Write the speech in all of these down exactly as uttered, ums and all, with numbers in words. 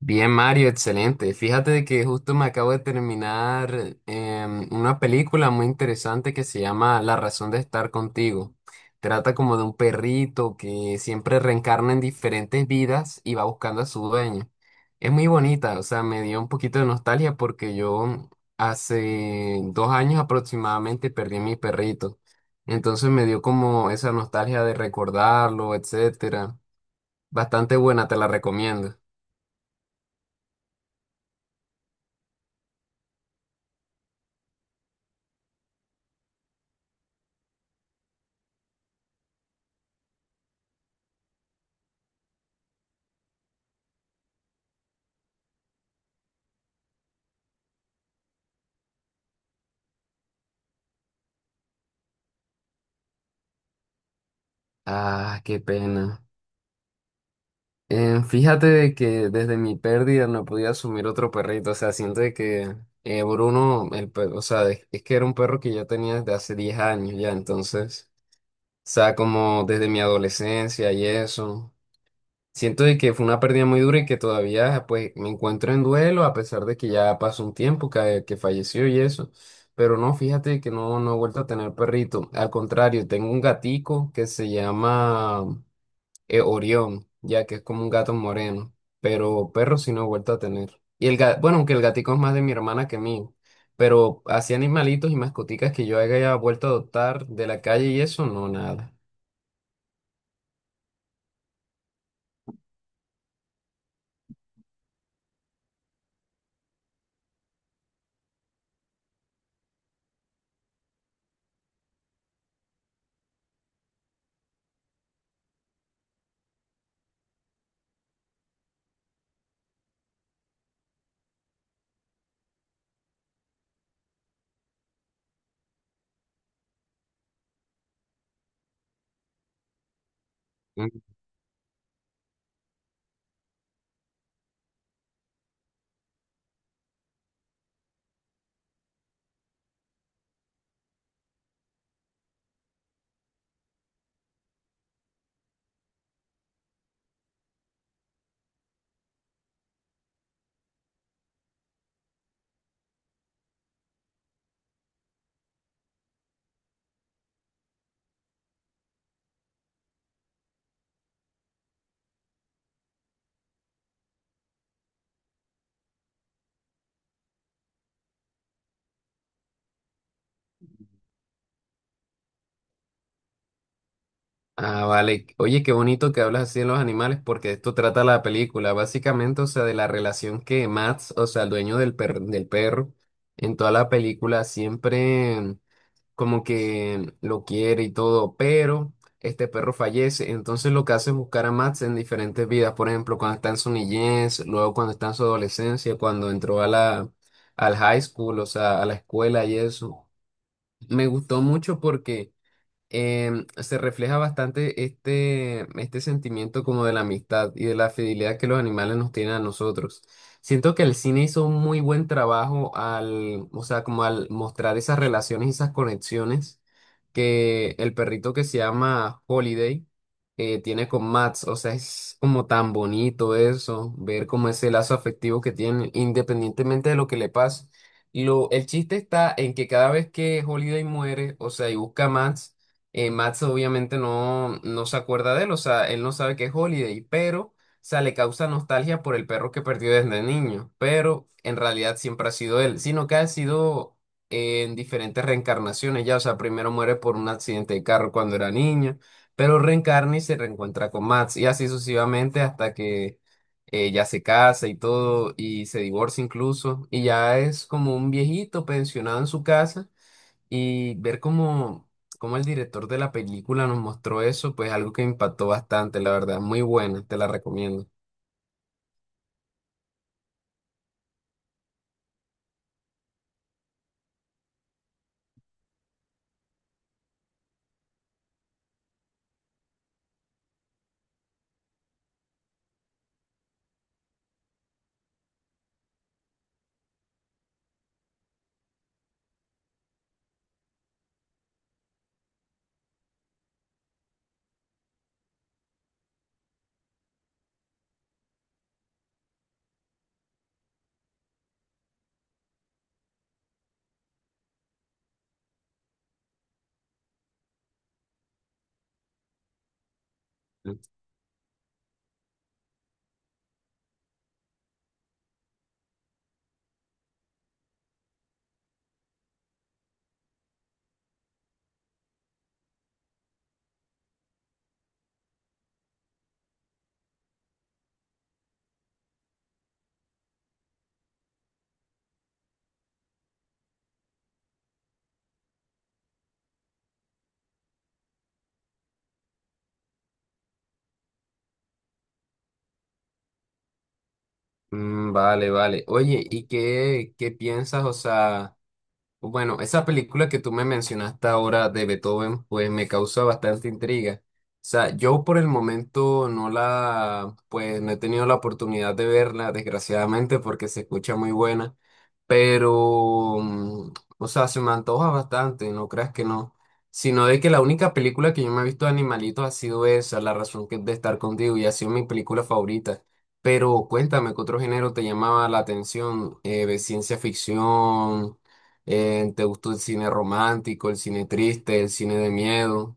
Bien, Mario, excelente. Fíjate de que justo me acabo de terminar em, una película muy interesante que se llama La razón de estar contigo. Trata como de un perrito que siempre reencarna en diferentes vidas y va buscando a su dueño. Es muy bonita, o sea, me dio un poquito de nostalgia porque yo hace dos años aproximadamente perdí a mi perrito. Entonces me dio como esa nostalgia de recordarlo, etcétera. Bastante buena, te la recomiendo. Ah, qué pena. Eh, fíjate de que desde mi pérdida no podía asumir otro perrito. O sea, siento de que eh, Bruno, el pe- o sea, es, es que era un perro que yo tenía desde hace diez años ya. Entonces, o sea, como desde mi adolescencia y eso. Siento de que fue una pérdida muy dura y que todavía pues me encuentro en duelo a pesar de que ya pasó un tiempo que, que falleció y eso. Pero no, fíjate que no, no he vuelto a tener perrito. Al contrario, tengo un gatico que se llama eh, Orión, ya que es como un gato moreno, pero perro sí no he vuelto a tener. Y el gato, bueno, aunque el gatico es más de mi hermana que mío, pero así animalitos y mascoticas que yo haya vuelto a adoptar de la calle y eso, no, nada. Mm. Ah, vale. Oye, qué bonito que hablas así de los animales porque esto trata la película, básicamente, o sea, de la relación que Max, o sea, el dueño del per- del perro, en toda la película siempre... como que lo quiere y todo, pero este perro fallece. Entonces lo que hace es buscar a Max en diferentes vidas, por ejemplo, cuando está en su niñez, luego cuando está en su adolescencia, cuando entró a la, al high school, o sea, a la escuela y eso. Me gustó mucho porque em, se refleja bastante este, este sentimiento como de la amistad y de la fidelidad que los animales nos tienen a nosotros. Siento que el cine hizo un muy buen trabajo al, o sea, como al mostrar esas relaciones y esas conexiones que el perrito que se llama Holiday eh, tiene con Max. O sea, es como tan bonito eso, ver como ese lazo afectivo que tienen independientemente de lo que le pase. Lo, el chiste está en que cada vez que Holiday muere, o sea, y busca a Max, eh, Max obviamente no, no se acuerda de él, o sea, él no sabe que es Holiday, pero, o sea, le causa nostalgia por el perro que perdió desde niño, pero en realidad siempre ha sido él, sino que ha sido eh, en diferentes reencarnaciones ya, o sea, primero muere por un accidente de carro cuando era niño, pero reencarna y se reencuentra con Max, y así sucesivamente hasta que eh, ya se casa y todo, y se divorcia incluso, y ya es como un viejito pensionado en su casa y ver cómo, cómo el director de la película nos mostró eso, pues algo que me impactó bastante, la verdad. Muy buena, te la recomiendo. Mm, vale, vale. Oye, ¿y qué, qué piensas? O sea... Bueno, esa película que tú me mencionaste ahora de Beethoven, pues me causa bastante intriga. O sea, yo por el momento no la, pues no he tenido la oportunidad de verla, desgraciadamente, porque se escucha muy buena, pero, mm, o sea, se me antoja bastante, no creas que no, sino de que la única película que yo me he visto de animalitos ha sido esa, La razón que- de estar contigo, y ha sido mi película favorita. Pero cuéntame, ¿qué otro género te llamaba la atención? Eh, ¿de ciencia ficción? Eh, ¿te gustó el cine romántico, el cine triste, el cine de miedo?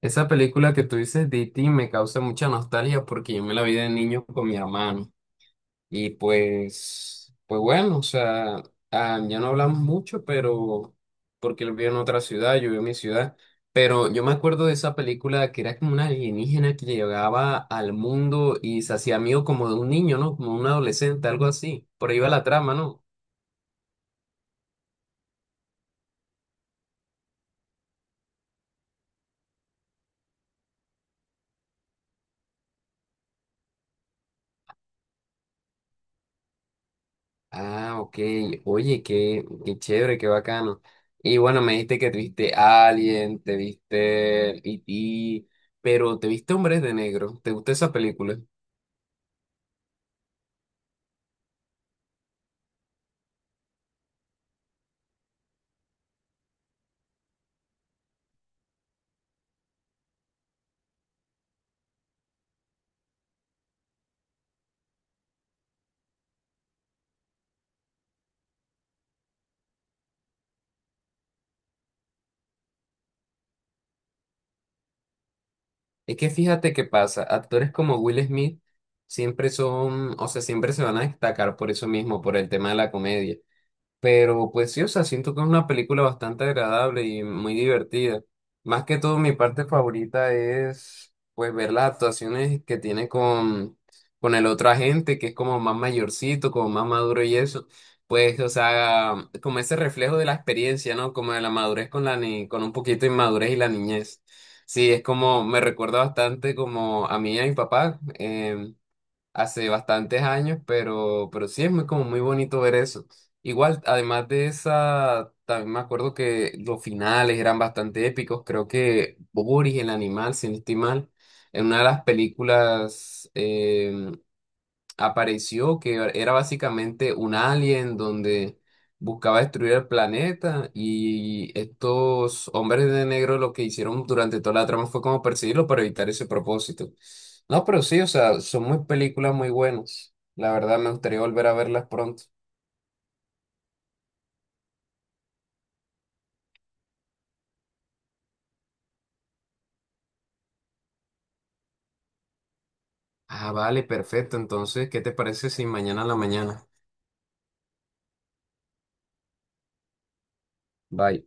Esa película que tú dices, D T, me causa mucha nostalgia porque yo me la vi de niño con mi hermano. Y pues, pues bueno, o sea, ah, ya no hablamos mucho, pero porque él vive en otra ciudad, yo vivo en mi ciudad. Pero yo me acuerdo de esa película que era como una alienígena que llegaba al mundo y se hacía amigo como de un niño, ¿no? Como un adolescente, algo así. Por ahí va la trama, ¿no? Ah, ok. Oye, qué, qué chévere, qué bacano. Y bueno, me dijiste que te viste Alien, te viste E T, pero te viste Hombres de Negro. ¿Te gustó esa película? Es que fíjate qué pasa. Actores como Will Smith siempre son, o sea, siempre se van a destacar por eso mismo, por el tema de la comedia. Pero pues sí, o sea, siento que es una película bastante agradable y muy divertida. Más que todo, mi parte favorita es pues ver las actuaciones que tiene con, con el otro agente, que es como más mayorcito, como más maduro y eso. Pues, o sea, como ese reflejo de la experiencia, ¿no? Como de la madurez con la ni con un poquito de inmadurez y la niñez. Sí, es como, me recuerda bastante como a mí y a mi papá. Em, hace bastantes años, pero, pero, sí es muy, como muy bonito ver eso. Igual, además de esa, también me acuerdo que los finales eran bastante épicos. Creo que Boris, el animal, si no estoy mal, en una de las películas eh, apareció, que era básicamente un alien donde buscaba destruir el planeta y estos hombres de negro lo que hicieron durante toda la trama fue como perseguirlo para evitar ese propósito. No, pero sí, o sea, son muy películas muy buenas. La verdad, me gustaría volver a verlas pronto. Ah, vale, perfecto. Entonces, ¿qué te parece si mañana a la mañana? Bye.